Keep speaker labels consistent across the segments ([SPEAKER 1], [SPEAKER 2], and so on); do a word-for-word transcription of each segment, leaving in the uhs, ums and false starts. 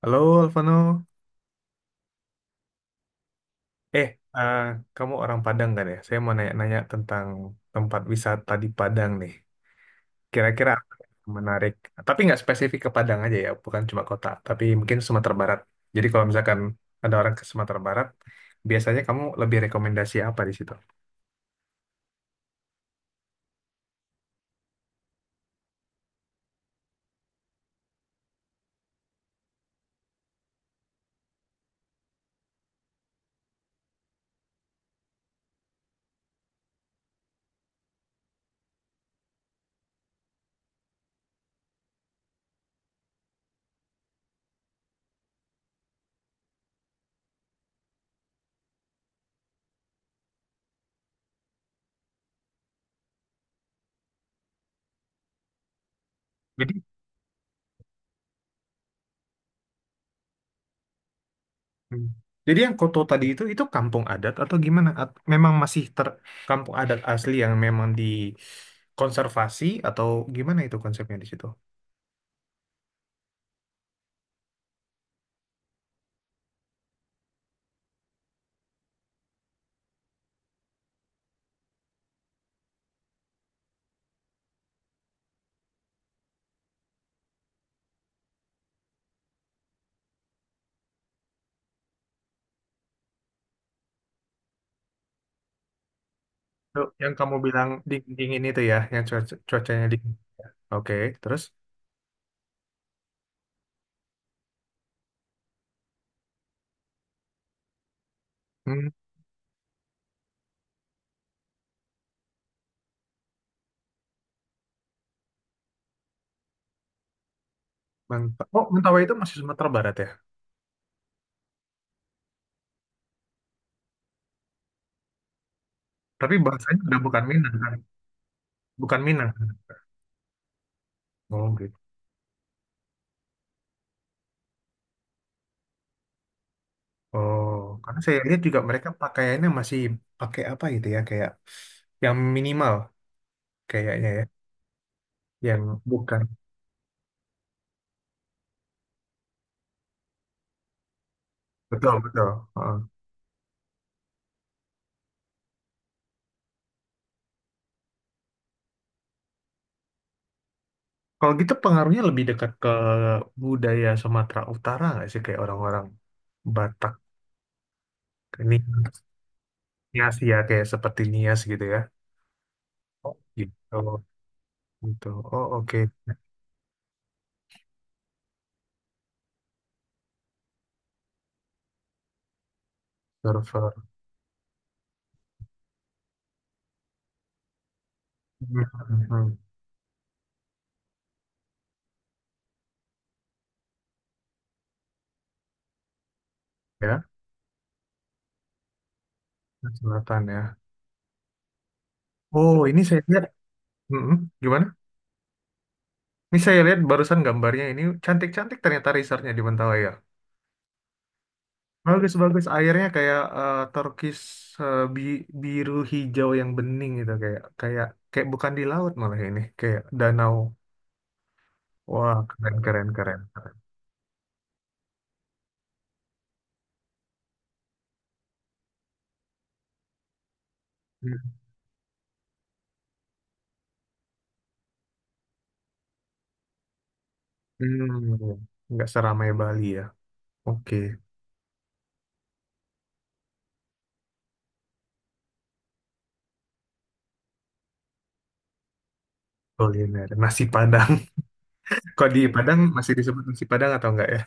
[SPEAKER 1] Halo Alvano, eh eh, kamu orang Padang kan ya? Saya mau nanya-nanya tentang tempat wisata di Padang nih. Kira-kira apa yang menarik, tapi nggak spesifik ke Padang aja ya, bukan cuma kota, tapi mungkin Sumatera Barat. Jadi kalau misalkan ada orang ke Sumatera Barat, biasanya kamu lebih rekomendasi apa di situ? Jadi, Hmm. Jadi yang Koto tadi itu itu kampung adat atau gimana? At- memang masih ter kampung adat asli yang memang dikonservasi atau gimana itu konsepnya di situ? Tuh, yang kamu bilang dingin itu ya, yang cuaca- cuacanya dingin. Oke, terus? Hmm, Manta- Oh, Mentawai itu masih Sumatera Barat ya? Tapi bahasanya udah bukan Minang kan? Bukan Minang. Oh, gitu. Oh, karena saya lihat juga mereka pakaiannya masih pakai apa gitu ya, kayak yang minimal kayaknya ya, yang bukan. Betul, betul. Heeh. Kalau gitu pengaruhnya lebih dekat ke budaya Sumatera Utara nggak sih? Kayak orang-orang Batak, ini Nias ya, kayak seperti Nias gitu ya. Oh, gitu. Gitu. Oh, oke. Server. Mhm. Ya, selatan ya. Oh, ini saya lihat. Mhm. Gimana? Ini saya lihat barusan gambarnya ini cantik-cantik ternyata resortnya di Mentawai ya. Bagus-bagus airnya kayak eh, turkis eh, bi- biru hijau yang bening gitu kayak kayak kayak bukan di laut malah ini kayak danau. Wah, keren, keren, keren, keren. Hmm, nggak seramai Bali ya. Oke, kuliner nasi Padang. Kok di Padang masih disebut nasi Padang atau enggak ya?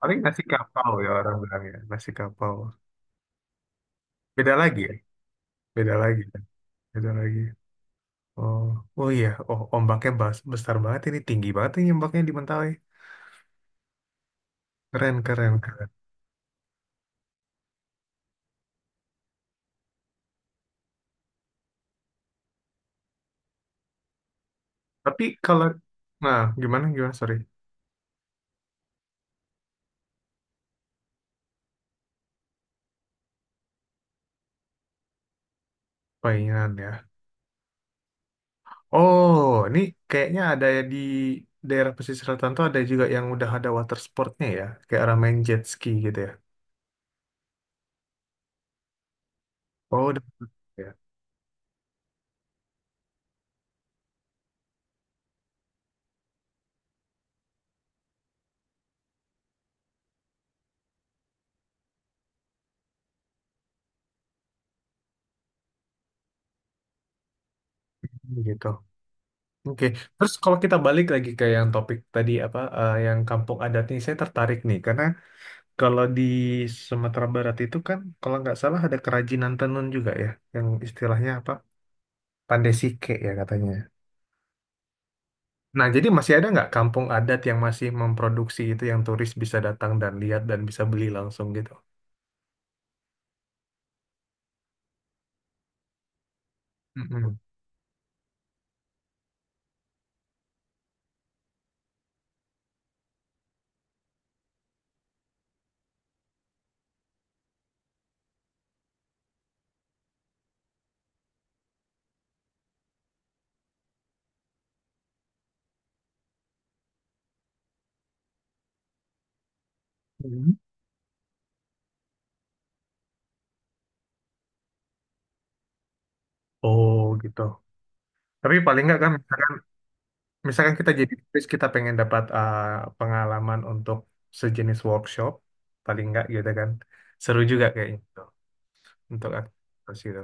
[SPEAKER 1] Paling nasi kapau ya orang bilang ya, nasi kapau. Beda lagi ya? Beda lagi ya? Beda lagi. Oh, oh iya. Oh, ombaknya bas- besar banget ini, tinggi banget ini ombaknya di Mentawai. Keren, keren, keren. Tapi kalau, nah gimana, gimana, sorry. Paingan ya. Oh, ini kayaknya ada ya di daerah pesisir selatan ada juga yang udah ada water sportnya ya. Kayak orang main jet ski gitu ya. Oh, udah. Ya, gitu. Oke, terus kalau kita balik lagi ke yang topik tadi apa eh, yang kampung adat ini saya tertarik nih karena kalau di Sumatera Barat itu kan kalau nggak salah ada kerajinan tenun juga ya yang istilahnya apa Pandai Sike ya katanya. Nah, jadi masih ada nggak kampung adat yang masih memproduksi itu yang turis bisa datang dan lihat dan bisa beli langsung gitu? Mm-mm. Mhm. Oh gitu. Tapi paling nggak kan misalkan Misalkan kita jadi terus kita pengen dapat uh, pengalaman untuk sejenis workshop, paling nggak gitu kan. Seru juga kayak gitu untuk aktivitas gitu.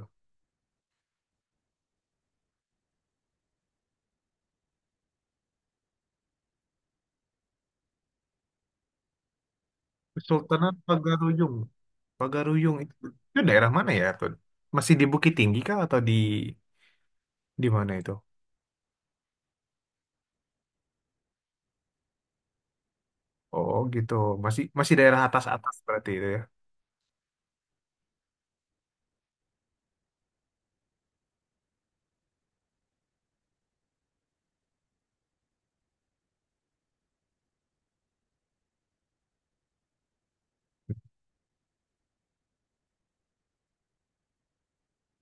[SPEAKER 1] Sultanat Pagaruyung. Pagaruyung itu, itu daerah mana ya tuh? Masih di Bukit Tinggi kah atau di di mana itu? Oh gitu, masih masih daerah atas-atas berarti itu ya,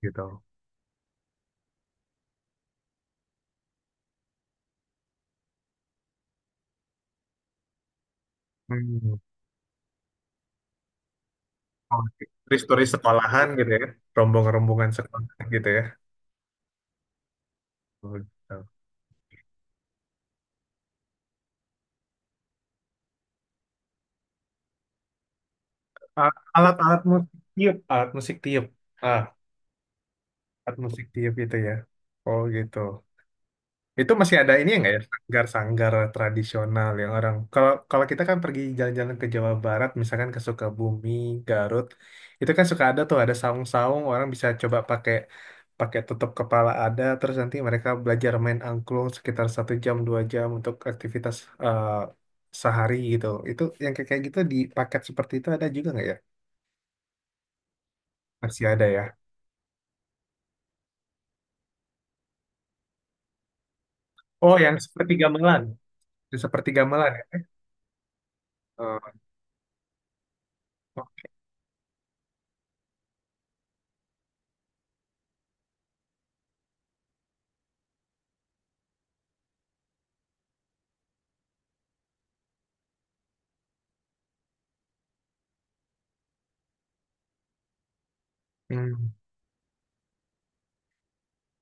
[SPEAKER 1] gitu. Hmm. Oke. Turis-turis sekolahan gitu ya, rombongan-rombongan sekolah gitu ya. Oh, gitu. A- Alat-alat musik tiup, alat musik tiup. Alat musik tiup gitu ya. Oh gitu. Itu masih ada ini nggak ya sanggar-sanggar tradisional yang orang kalau kalau kita kan pergi jalan-jalan ke Jawa Barat misalkan ke Sukabumi, Garut, itu kan suka ada tuh ada saung-saung orang bisa coba pakai pakai tutup kepala ada terus nanti mereka belajar main angklung sekitar satu jam dua jam untuk aktivitas eh, sehari gitu. Itu yang kayak kayak gitu di paket seperti itu ada juga nggak ya? Masih ada ya. Oh yang seperti gamelan, yang seperti gamelan ya. Eh, oh. Hmm.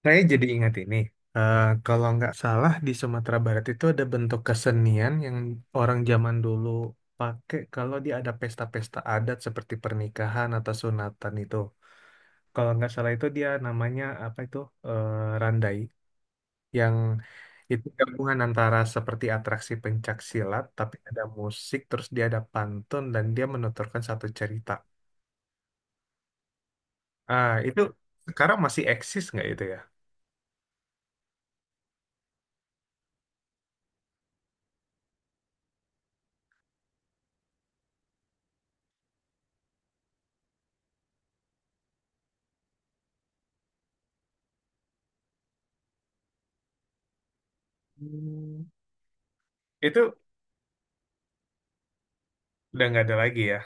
[SPEAKER 1] Saya jadi ingat ini. Eh, kalau nggak salah di Sumatera Barat itu ada bentuk kesenian yang orang zaman dulu pakai kalau dia ada pesta-pesta adat seperti pernikahan atau sunatan itu. Kalau nggak salah itu dia namanya apa itu Eh, randai, yang itu gabungan antara seperti atraksi pencak silat tapi ada musik terus dia ada pantun dan dia menuturkan satu cerita. Ah itu sekarang masih eksis nggak itu ya? Hmm. Itu udah nggak ada lagi ya.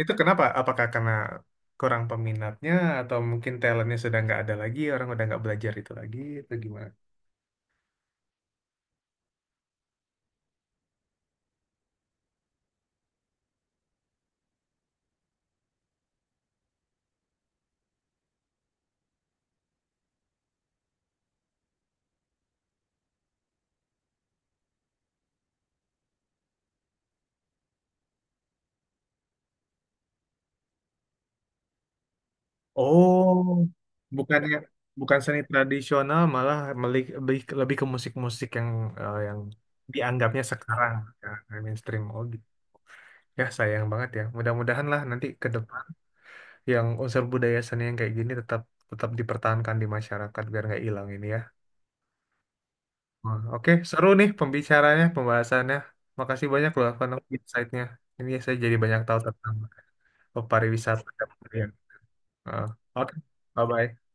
[SPEAKER 1] Itu kenapa? Apakah karena kurang peminatnya atau mungkin talentnya sudah nggak ada lagi, orang udah nggak belajar itu lagi, atau gimana? Oh, bukannya bukan seni tradisional, malah meli- lebih, lebih ke musik-musik yang eh, yang dianggapnya sekarang ya, mainstream. Oh, gitu. Ya sayang banget ya. Mudah-mudahan lah nanti ke depan yang unsur budaya seni yang kayak gini tetap tetap dipertahankan di masyarakat biar nggak hilang ini ya. Wah, oke, seru nih pembicaranya, pembahasannya. Makasih banyak loh Fano insight-nya. Ini saya jadi banyak tahu tentang pariwisata. Ya. Eh, Oke, bye-bye.